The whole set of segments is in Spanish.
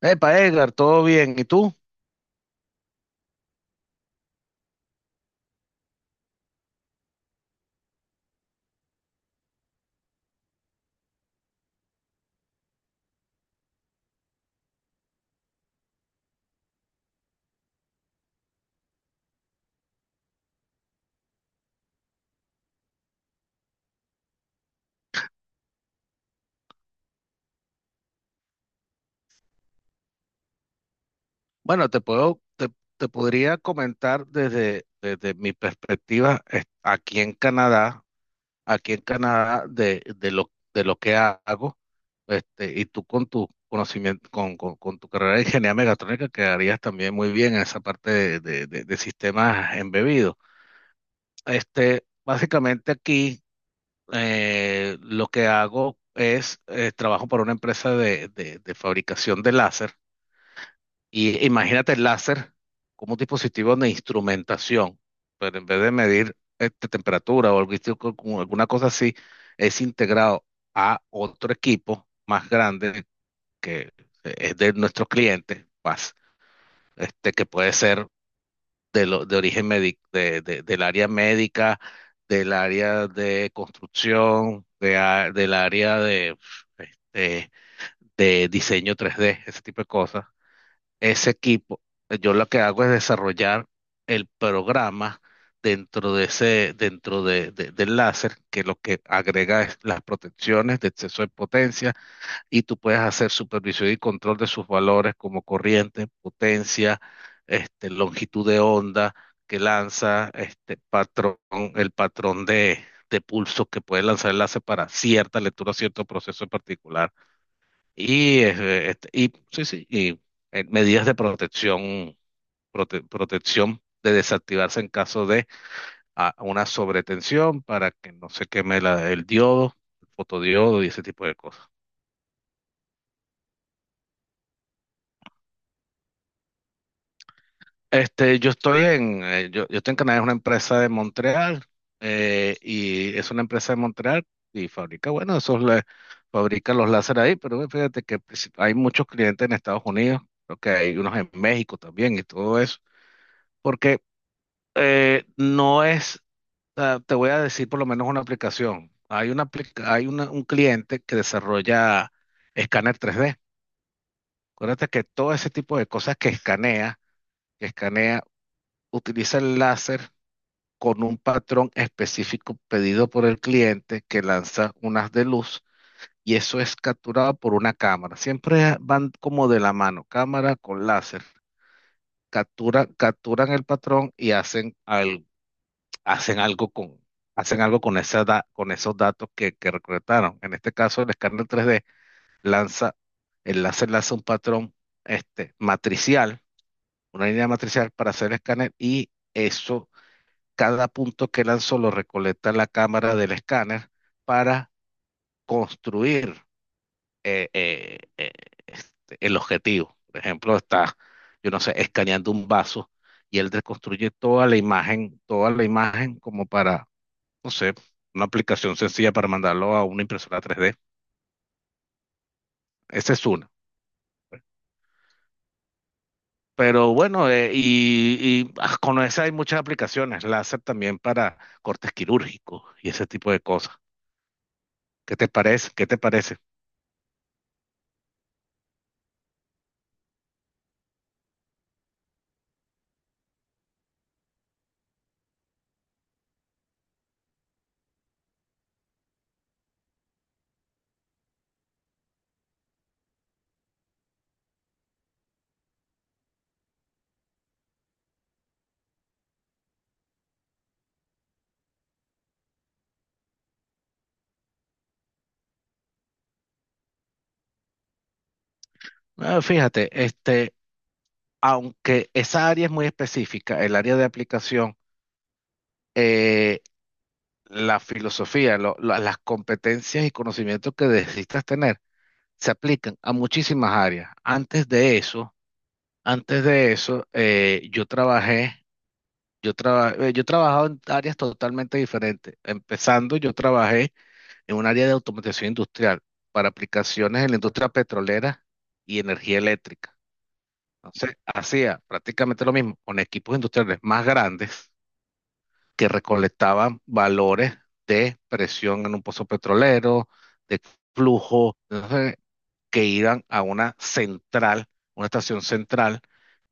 Epa, Edgar, todo bien. ¿Y tú? Bueno, te podría comentar desde mi perspectiva aquí en Canadá de lo que hago, y tú con tu conocimiento, con tu carrera de ingeniería mecatrónica quedarías también muy bien en esa parte de sistemas embebidos. Básicamente aquí lo que hago es trabajo para una empresa de fabricación de láser. Y imagínate el láser como un dispositivo de instrumentación, pero en vez de medir temperatura o algo así, como alguna cosa así, es integrado a otro equipo más grande que es de nuestros clientes, más, que puede ser de, del área médica, del área de construcción, del área de, este, de diseño tres d, ese tipo de cosas. Ese equipo, yo lo que hago es desarrollar el programa dentro de ese, del láser, que lo que agrega es las protecciones de exceso de potencia, y tú puedes hacer supervisión y control de sus valores como corriente, potencia, longitud de onda que lanza, este patrón, el patrón de, de pulso que puede lanzar el láser para cierta lectura, cierto proceso en particular. Y, eh, este, y sí, sí, y medidas de protección, protección de desactivarse en caso de una sobretensión para que no se queme el diodo, el fotodiodo y ese tipo de cosas. Yo estoy en, yo estoy en Canadá, es una empresa de Montreal, y es una empresa de Montreal y fabrica, bueno, fabrica los láser ahí, pero bueno, fíjate que pues, hay muchos clientes en Estados Unidos, creo que hay unos en México también y todo eso. Porque no es, o te voy a decir por lo menos una aplicación. Hay una, aplica- hay una- Un cliente que desarrolla escáner 3D. Acuérdate que todo ese tipo de cosas que escanea, utiliza el láser con un patrón específico pedido por el cliente que lanza unas de luz y eso es capturado por una cámara. Siempre van como de la mano, cámara con láser. Capturan el patrón y hacen hacen algo con, hacen algo con, con esos datos que recolectaron. En este caso, el escáner 3D lanza, el láser lanza un patrón, matricial, una línea matricial para hacer el escáner, y eso, cada punto que lanzó lo recolecta la cámara del escáner para construir eh, eh, eh, el objetivo. Por ejemplo, está, yo no sé, escaneando un vaso. Y él reconstruye toda la imagen como para no sé, una aplicación sencilla para mandarlo a una impresora 3D. Esa es una. Pero bueno, con esa hay muchas aplicaciones, láser también para cortes quirúrgicos y ese tipo de cosas. ¿Qué te parece? ¿Qué te parece? Ah, fíjate, aunque esa área es muy específica, el área de aplicación, eh, la filosofía, las competencias y conocimientos que necesitas tener se aplican a muchísimas áreas. Antes de eso, antes de eso, yo he trabajado en áreas totalmente diferentes. Empezando, yo trabajé en un área de automatización industrial para aplicaciones en la industria petrolera y energía eléctrica. Entonces, hacía prácticamente lo mismo con equipos industriales más grandes que recolectaban valores de presión en un pozo petrolero, de flujo que iban a una central, una estación central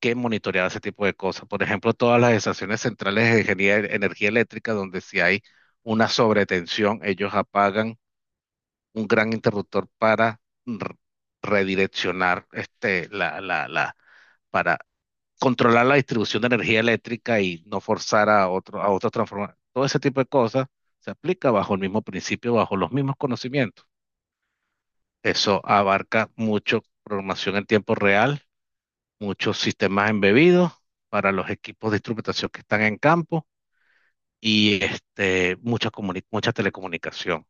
que monitoreaba ese tipo de cosas. Por ejemplo, todas las estaciones centrales de energía eléctrica, donde si hay una sobretensión, ellos apagan un gran interruptor para r- redireccionar para controlar la distribución de energía eléctrica y no forzar a otro, a otros transformar. Todo ese tipo de cosas se aplica bajo el mismo principio, bajo los mismos conocimientos. Eso abarca mucho programación en tiempo real, muchos sistemas embebidos para los equipos de instrumentación que están en campo y mucha, mucha telecomunicación.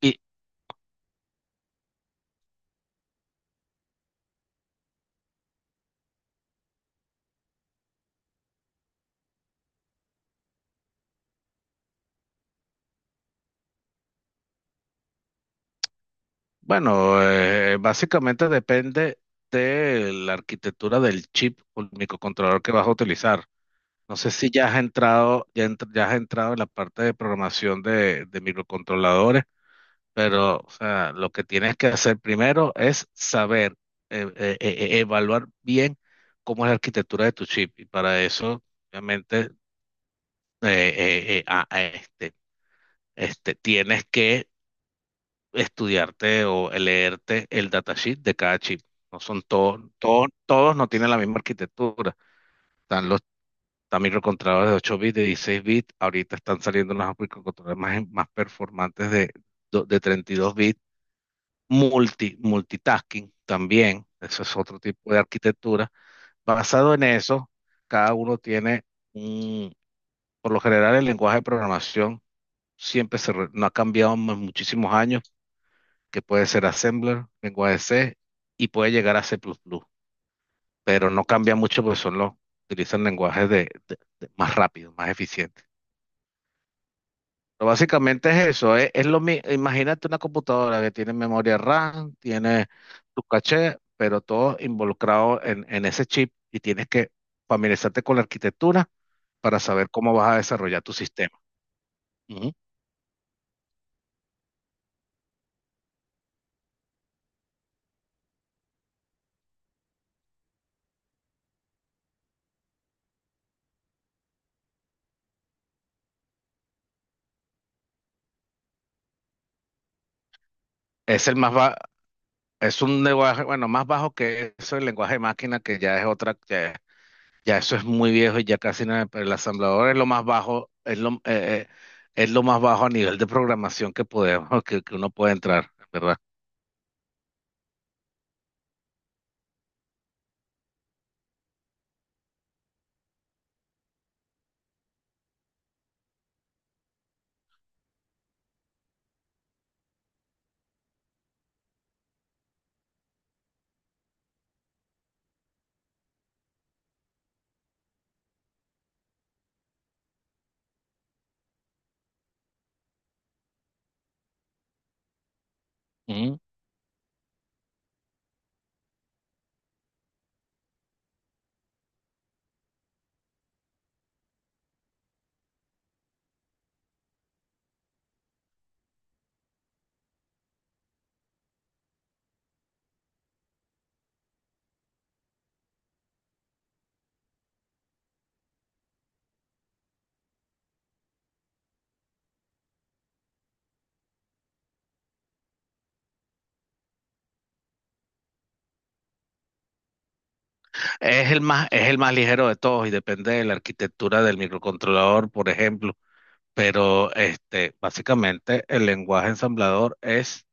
Y bueno, básicamente depende de la arquitectura del chip o el microcontrolador que vas a utilizar. No sé si ya has entrado, ya has entrado en la parte de programación de microcontroladores. Pero, o sea, lo que tienes que hacer primero es saber, evaluar bien cómo es la arquitectura de tu chip. Y para eso, obviamente, eh, eh, eh, a- a este, tienes que estudiarte o leerte el datasheet de cada chip. No son todos, no tienen la misma arquitectura. Están los Están microcontroladores de 8 bits, de 16 bits. Ahorita están saliendo unos microcontroladores más performantes de, de 32 bits, multitasking también, eso es otro tipo de arquitectura. Basado en eso, cada uno tiene un, por lo general el lenguaje de programación no ha cambiado en muchísimos años, que puede ser Assembler, lenguaje C y puede llegar a C++, pero no cambia mucho porque son los, utilizan lenguajes más rápido, más eficientes. Pero básicamente es eso, es imagínate una computadora que tiene memoria RAM, tiene tu caché, pero todo involucrado en ese chip y tienes que familiarizarte con la arquitectura para saber cómo vas a desarrollar tu sistema. Ujú. Es el más ba- es un lenguaje, bueno, más bajo que eso, el lenguaje de máquina, que ya es otra, ya, ya eso es muy viejo y ya casi no, pero el asamblador es lo más bajo, es lo más bajo a nivel de programación que podemos, que uno puede entrar, ¿verdad? Es el más ligero de todos y depende de la arquitectura del microcontrolador, por ejemplo. Pero básicamente el lenguaje ensamblador es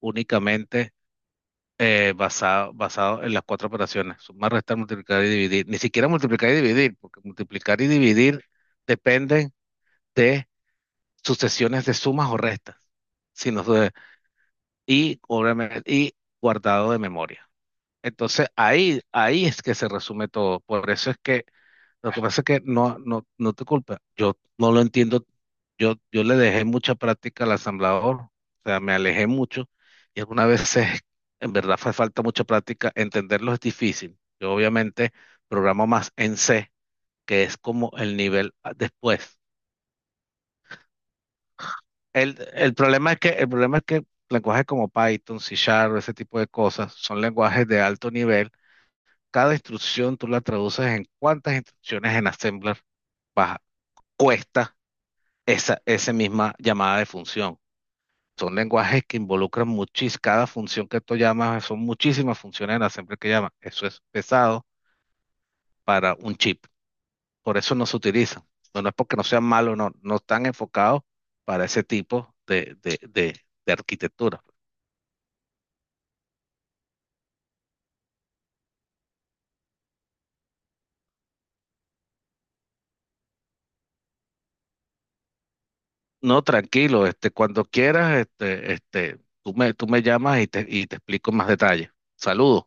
únicamente basado en las cuatro operaciones. Sumar, restar, multiplicar y dividir. Ni siquiera multiplicar y dividir, porque multiplicar y dividir dependen de sucesiones de sumas o restas. Sino de- y, obviamente, y guardado de memoria. Entonces ahí, ahí es que se resume todo. Por eso es que lo que pasa es que no, no, no te culpa. Yo no lo entiendo. Yo le dejé mucha práctica al asamblador. O sea, me alejé mucho. Y algunas veces, en verdad, hace falta mucha práctica. Entenderlo es difícil. Yo obviamente programo más en C, que es como el nivel después. El problema es que, el problema es que lenguajes como Python, C Sharp, ese tipo de cosas, son lenguajes de alto nivel. Cada instrucción tú la traduces en cuántas instrucciones en Assembler baja. Cuesta esa misma llamada de función. Son lenguajes que involucran muchísimas, cada función que tú llamas, son muchísimas funciones en la siempre que llamas. Eso es pesado para un chip. Por eso no se utilizan. No, no es porque no sean malos, no, no están enfocados para ese tipo de arquitectura. No, tranquilo, cuando quieras, tú me llamas y te explico más detalle. Saludos.